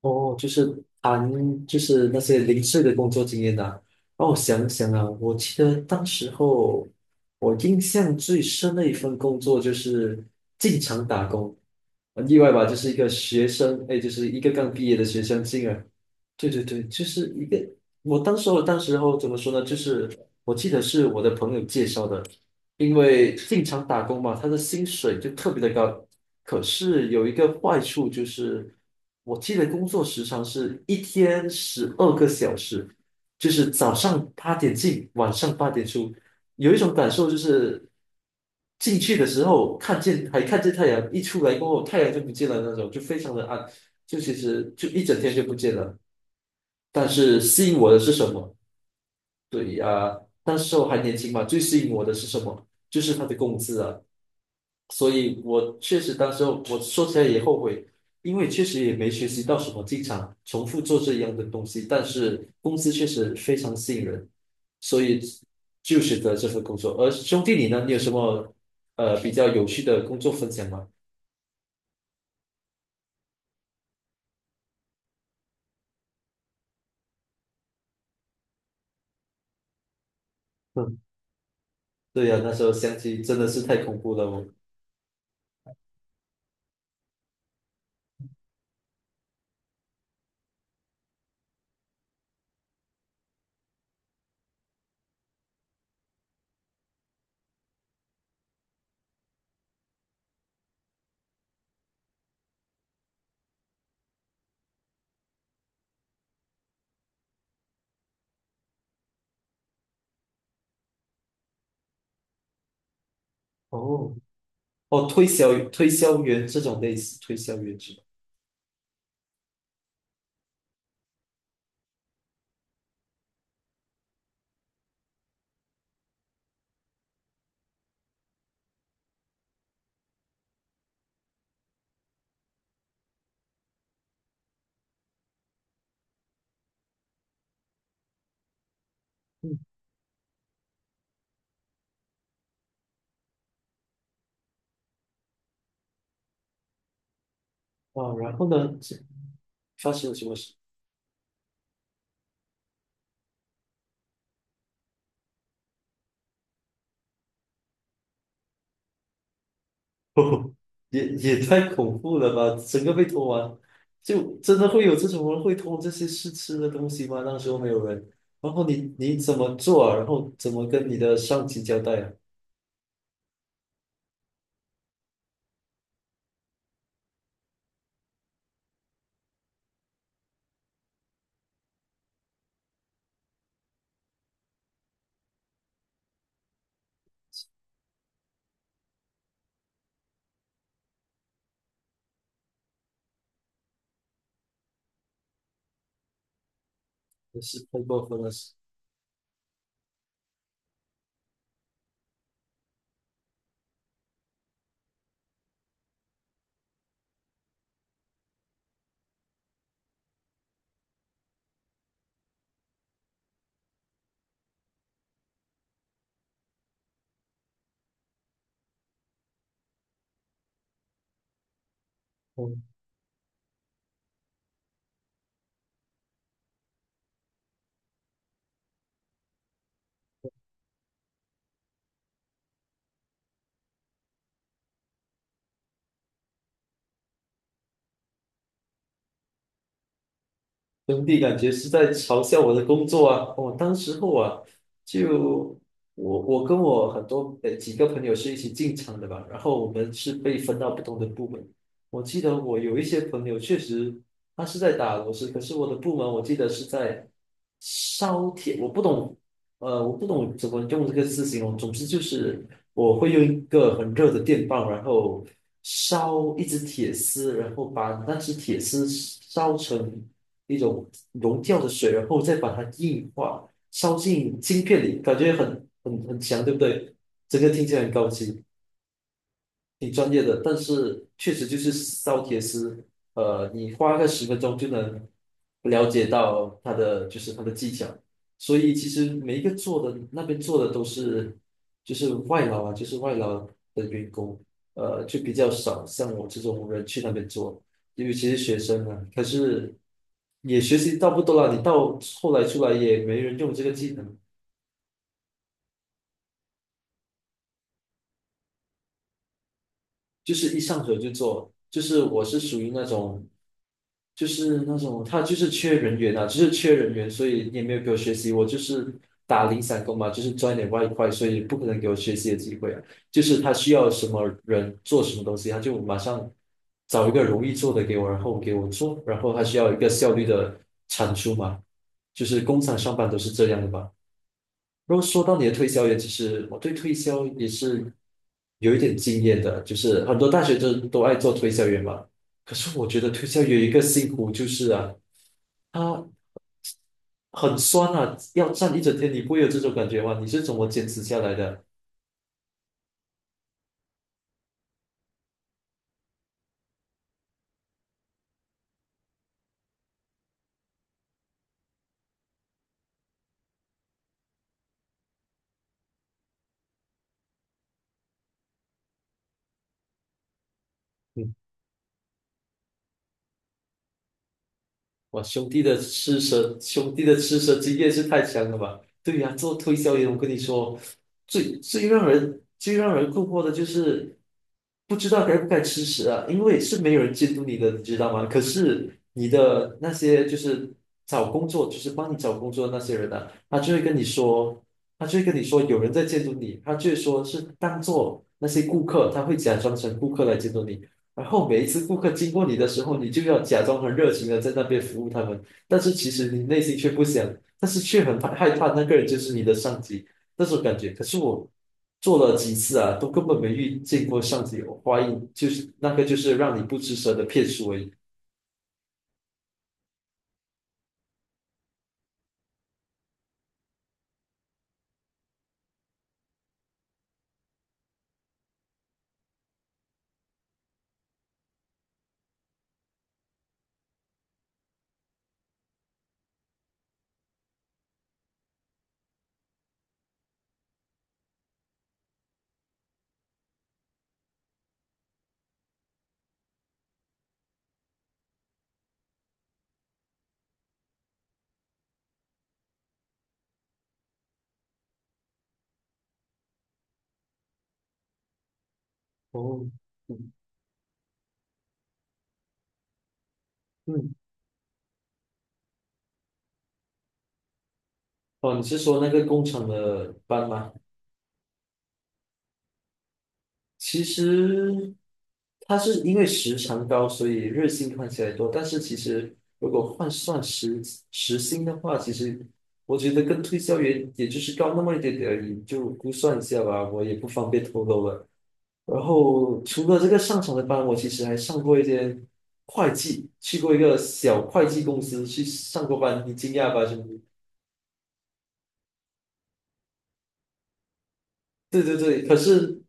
哦，就是谈就是那些零碎的工作经验呐、让我想想啊，我记得当时候我印象最深的一份工作就是进厂打工，很意外吧？就是一个学生，哎，就是一个刚毕业的学生进来，对对对，就是一个我当时候怎么说呢？就是我记得是我的朋友介绍的，因为进厂打工嘛，他的薪水就特别的高。可是有一个坏处就是，我记得工作时长是一天12个小时，就是早上八点进，晚上八点出。有一种感受就是，进去的时候看见还看见太阳，一出来过后太阳就不见了那种，就非常的暗，就其实就一整天就不见了。但是吸引我的是什么？对呀、那时候还年轻嘛，最吸引我的是什么？就是他的工资啊。所以我确实当时候我说起来也后悔，因为确实也没学习到什么，经常重复做这样的东西，但是工资确实非常吸引人，所以就选择这份工作。而兄弟你呢？你有什么比较有趣的工作分享吗？嗯，对呀、那时候相亲真的是太恐怖了哦。哦，哦，推销员这种类似推销员是吧？啊，然后呢，这发生了什么事？哦，也太恐怖了吧！整个被偷完，就真的会有这种人会偷这些试吃的东西吗？那时候没有人，然后你怎么做啊？然后怎么跟你的上级交代啊？真是太过分了！嗯，兄弟感觉是在嘲笑我的工作啊！我、当时候啊，就我跟我几个朋友是一起进厂的吧，然后我们是被分到不同的部门。我记得我有一些朋友确实他是在打螺丝，可是我的部门我记得是在烧铁，我不懂，我不懂怎么用这个字形容。总之就是我会用一个很热的电棒，然后烧一只铁丝，然后把那只铁丝烧成，一种溶掉的水，然后再把它硬化，烧进晶片里，感觉很强，对不对？整个听起来很高级。挺专业的，但是确实就是烧铁丝，你花个10分钟就能了解到它的就是它的技巧，所以其实每一个做的那边做的都是就是外劳啊，就是外劳的员工，就比较少像我这种人去那边做，因为其实学生啊，可是也学习到不多了，你到后来出来也没人用这个技能，就是一上手就做，就是我是属于那种，就是那种他就是缺人员啊，就是缺人员，所以也没有给我学习，我就是打零散工嘛，就是赚一点外快，所以不可能给我学习的机会啊。就是他需要什么人做什么东西，他就马上找一个容易做的给我，然后给我做，然后他需要一个效率的产出嘛，就是工厂上班都是这样的吧。如果说到你的推销员，其实我对推销也是有一点经验的，就是很多大学生都爱做推销员嘛。可是我觉得推销员一个辛苦就是啊，他很酸啊，要站一整天，你不会有这种感觉吗？你是怎么坚持下来的？哇，兄弟的吃蛇，兄弟的吃蛇经验是太强了吧？对呀、做推销员，我跟你说，最让人困惑的就是不知道该不该吃蛇啊，因为是没有人监督你的，你知道吗？可是你的那些就是找工作，就是帮你找工作的那些人啊，他就会跟你说，有人在监督你，他就会说是当做那些顾客，他会假装成顾客来监督你。然后每一次顾客经过你的时候，你就要假装很热情的在那边服务他们，但是其实你内心却不想，但是却很怕害怕那个人就是你的上级那种感觉。可是我做了几次啊，都根本没遇见过上级，我怀疑就是那个就是让你不吱声的骗术而已。哦，嗯嗯，哦，你是说那个工厂的班吗？其实他是因为时长高，所以日薪看起来多，但是其实如果换算时薪的话，其实我觉得跟推销员也就是高那么一点点而已，就估算一下吧，我也不方便透露了。然后除了这个上场的班，我其实还上过一间会计，去过一个小会计公司去上过班，你惊讶吧，兄弟？对对对，可是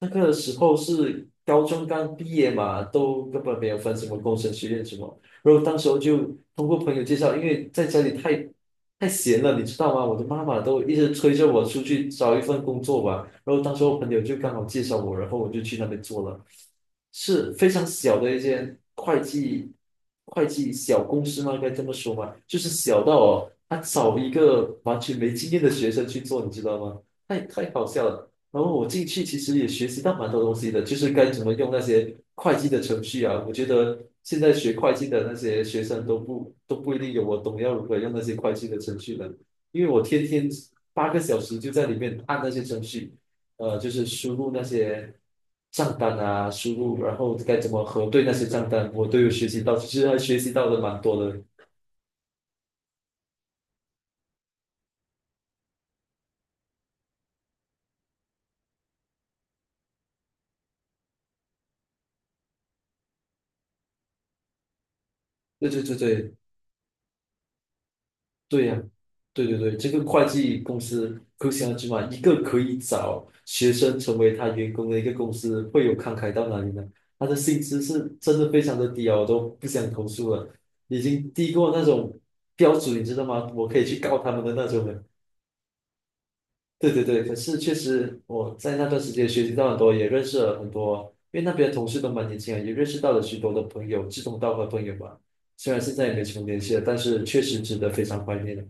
那个时候是高中刚毕业嘛，都根本没有分什么工程学院什么。然后当时候就通过朋友介绍，因为在家里太闲了，你知道吗？我的妈妈都一直催着我出去找一份工作吧。然后当时候朋友就刚好介绍我，然后我就去那边做了，是非常小的一间会计小公司吗？该这么说吗？就是小到哦，他找一个完全没经验的学生去做，你知道吗？太好笑了。然后我进去其实也学习到蛮多东西的，就是该怎么用那些会计的程序啊。我觉得现在学会计的那些学生都不一定有我懂要如何用那些会计的程序的，因为我天天8个小时就在里面按那些程序，就是输入那些账单啊，输入然后该怎么核对那些账单，我都有学习到，其实还学习到的蛮多的。对对对对，对呀，对对对，这个会计公司可想而知嘛，一个可以找学生成为他员工的一个公司，会有慷慨到哪里呢？他的薪资是真的非常的低啊，我都不想投诉了，已经低过那种标准，你知道吗？我可以去告他们的那种了。对对对，可是确实我在那段时间学习到很多，也认识了很多，因为那边的同事都蛮年轻啊，也认识到了许多的朋友，志同道合的朋友吧。虽然现在也没什么联系了，但是确实值得非常怀念的。